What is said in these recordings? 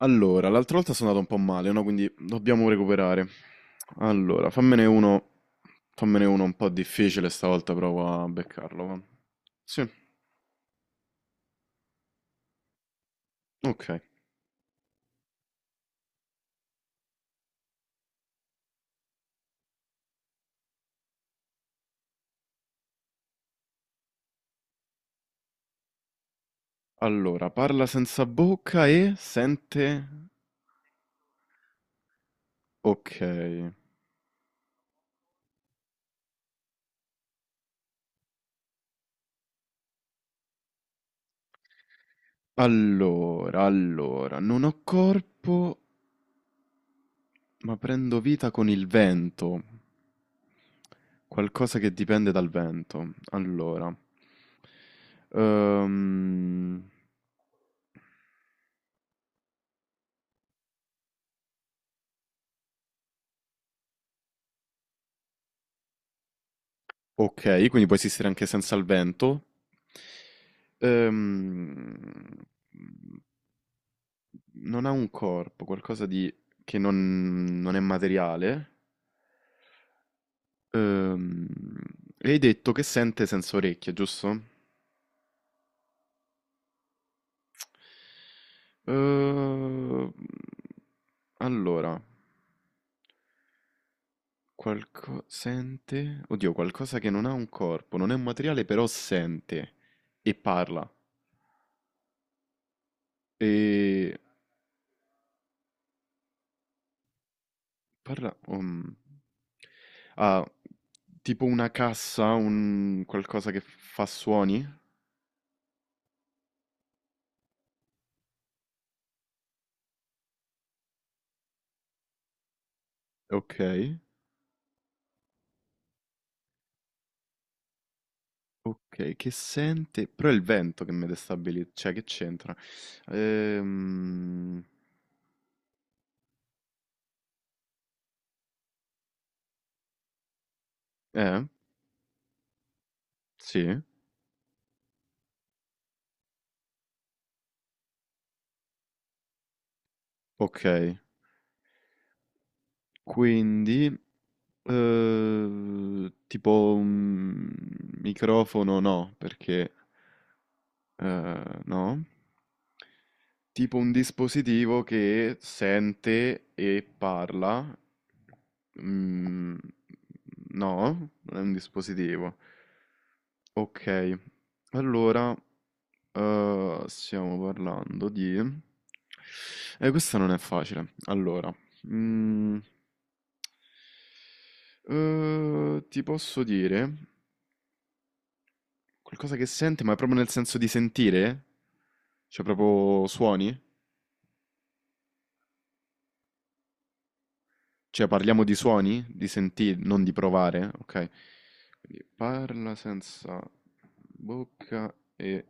Allora, l'altra volta sono andato un po' male, no? Quindi dobbiamo recuperare. Allora, fammene uno un po' difficile, stavolta provo a beccarlo. Va. Sì, ok. Allora, parla senza bocca e sente... Ok. Allora, non ho corpo, ma prendo vita con il vento. Qualcosa che dipende dal vento. Allora. Ehm, Ok, quindi può esistere anche senza il vento. Ehm, non ha un corpo, qualcosa di... che non è materiale. Ehm, e hai detto che sente senza orecchie, giusto? Ehm, allora, qualcosa... sente... Oddio, qualcosa che non ha un corpo, non è un materiale, però sente e parla. E... Parla ha tipo una cassa, un qualcosa che fa suoni? Okay. Okay, che sente però è il vento che mi destabiliz cioè che c'entra? Ehm, eh, sì, okay. Quindi, tipo, microfono no, perché, no? Tipo un dispositivo che sente e parla. Mm, no, non è un dispositivo. Ok, allora stiamo parlando di... questa non è facile. Allora, mm, ti posso dire qualcosa che sente, ma è proprio nel senso di sentire? Cioè proprio suoni? Cioè parliamo di suoni, di sentire, non di provare, ok? Quindi parla senza bocca e...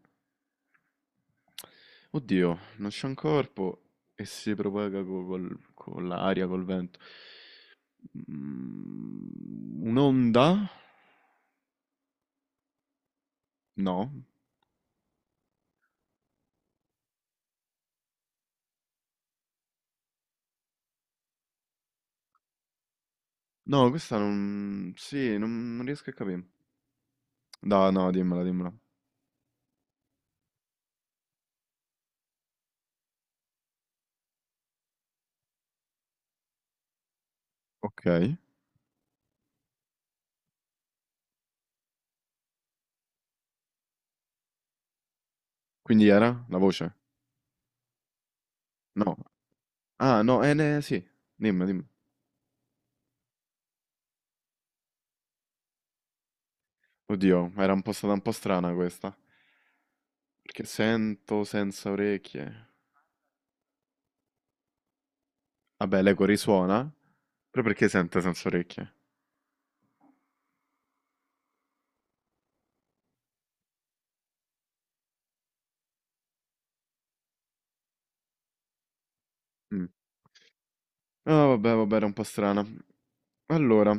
Oddio, non c'è un corpo e si propaga co- col- con l'aria, col vento. Mm, un'onda? No. No, questa non... Sì, non riesco a capire. No, no, dimmela, dimmela. Ok. Quindi era la voce? No. Ah, no, ne- sì. Dimmi, dimmi. Oddio, era un po' stata un po' strana questa. Perché sento senza orecchie. Vabbè, l'eco risuona. Però perché sente senza orecchie? Mm. Ah, vabbè, vabbè, era un po' strana. Allora,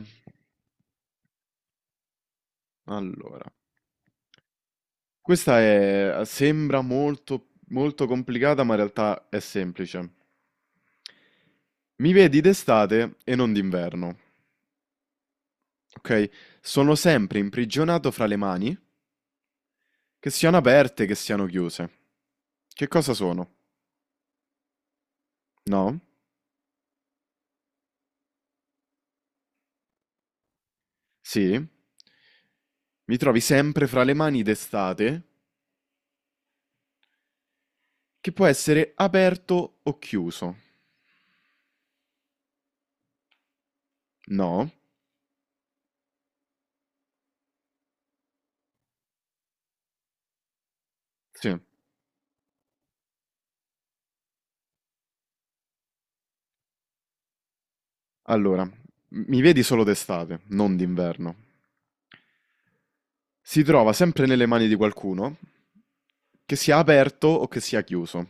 allora. Questa è, sembra molto, molto complicata, ma in realtà è semplice. Mi vedi d'estate e non d'inverno, ok? Sono sempre imprigionato fra le mani, che siano aperte, che siano chiuse. Che cosa sono? No? Sì? Mi trovi sempre fra le mani d'estate, che può essere aperto o chiuso. No? Sì. Allora, m- mi vedi solo d'estate, non d'inverno. Si trova sempre nelle mani di qualcuno, che sia aperto o che sia chiuso.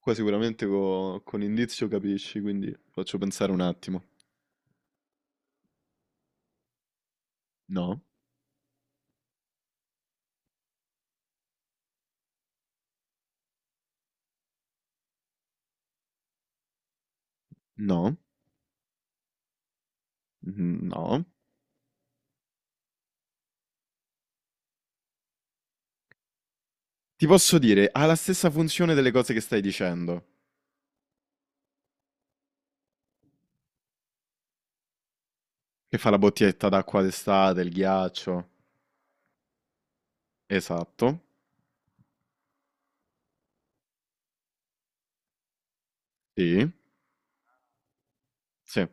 Qua sicuramente co- con indizio capisci, quindi faccio pensare un attimo. No? No? Mm, no? Ti posso dire, ha la stessa funzione delle cose che stai dicendo, che fa la bottiglietta d'acqua d'estate, il ghiaccio. Esatto. Sì, sì,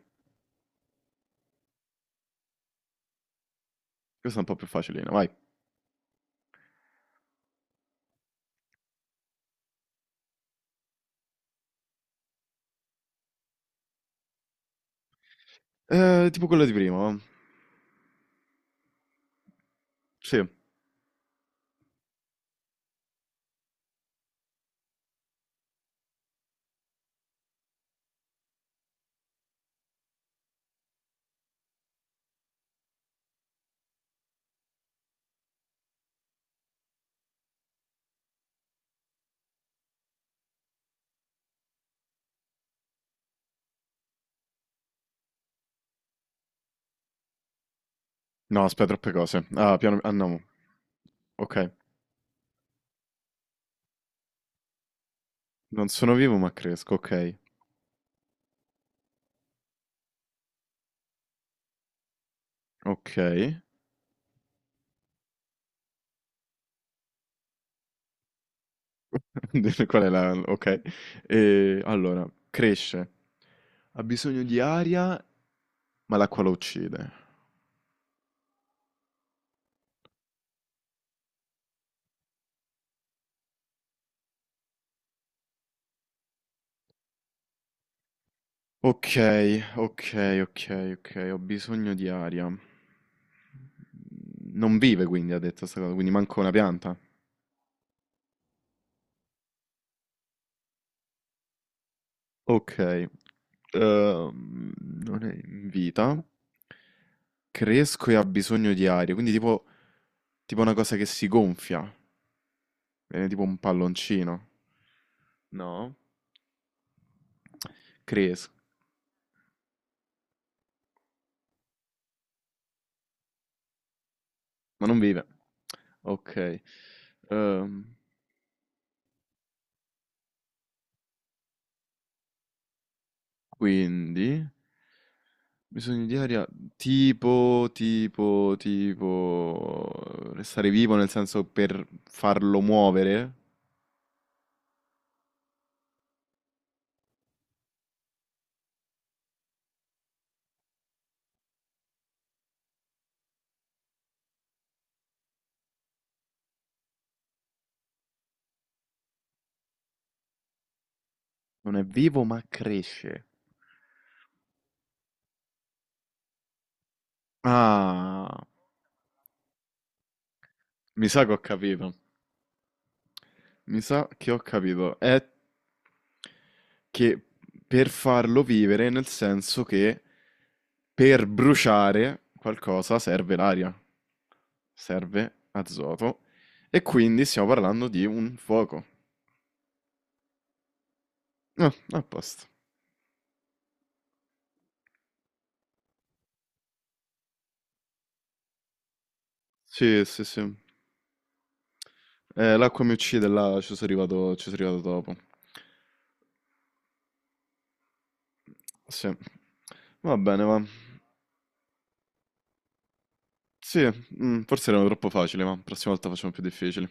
questa è un po' più facilina, vai. Tipo quella di prima, va? Sì. No, aspetta, troppe cose. Ah, piano... Ah, no. Ok. Non sono vivo ma cresco, ok. Ok. Qual è la... Ok. E, allora, cresce. Ha bisogno di aria, ma l'acqua la uccide. Ok, ok, ok, ok. Ho bisogno di aria. Non vive, quindi, ha detto sta cosa, quindi manco una pianta. Ok. Non è in vita. Cresco e ha bisogno di aria, quindi tipo, tipo una cosa che si gonfia, viene tipo un palloncino. No? Cresco, ma non vive. Ok. Ehm, quindi, bisogno di aria tipo, tipo, tipo... Restare vivo nel senso per farlo muovere. Non è vivo ma cresce. Ah, mi sa che ho capito. Mi sa che ho capito. È che per farlo vivere, nel senso che per bruciare qualcosa serve l'aria, serve azoto, e quindi stiamo parlando di un fuoco. Ah, a posto. Sì, sì, sì. L'acqua mi uccide, là ci sono arrivato dopo. Sì. Va bene, va. Sì, mm, forse erano troppo facili, ma la prossima volta facciamo più difficili.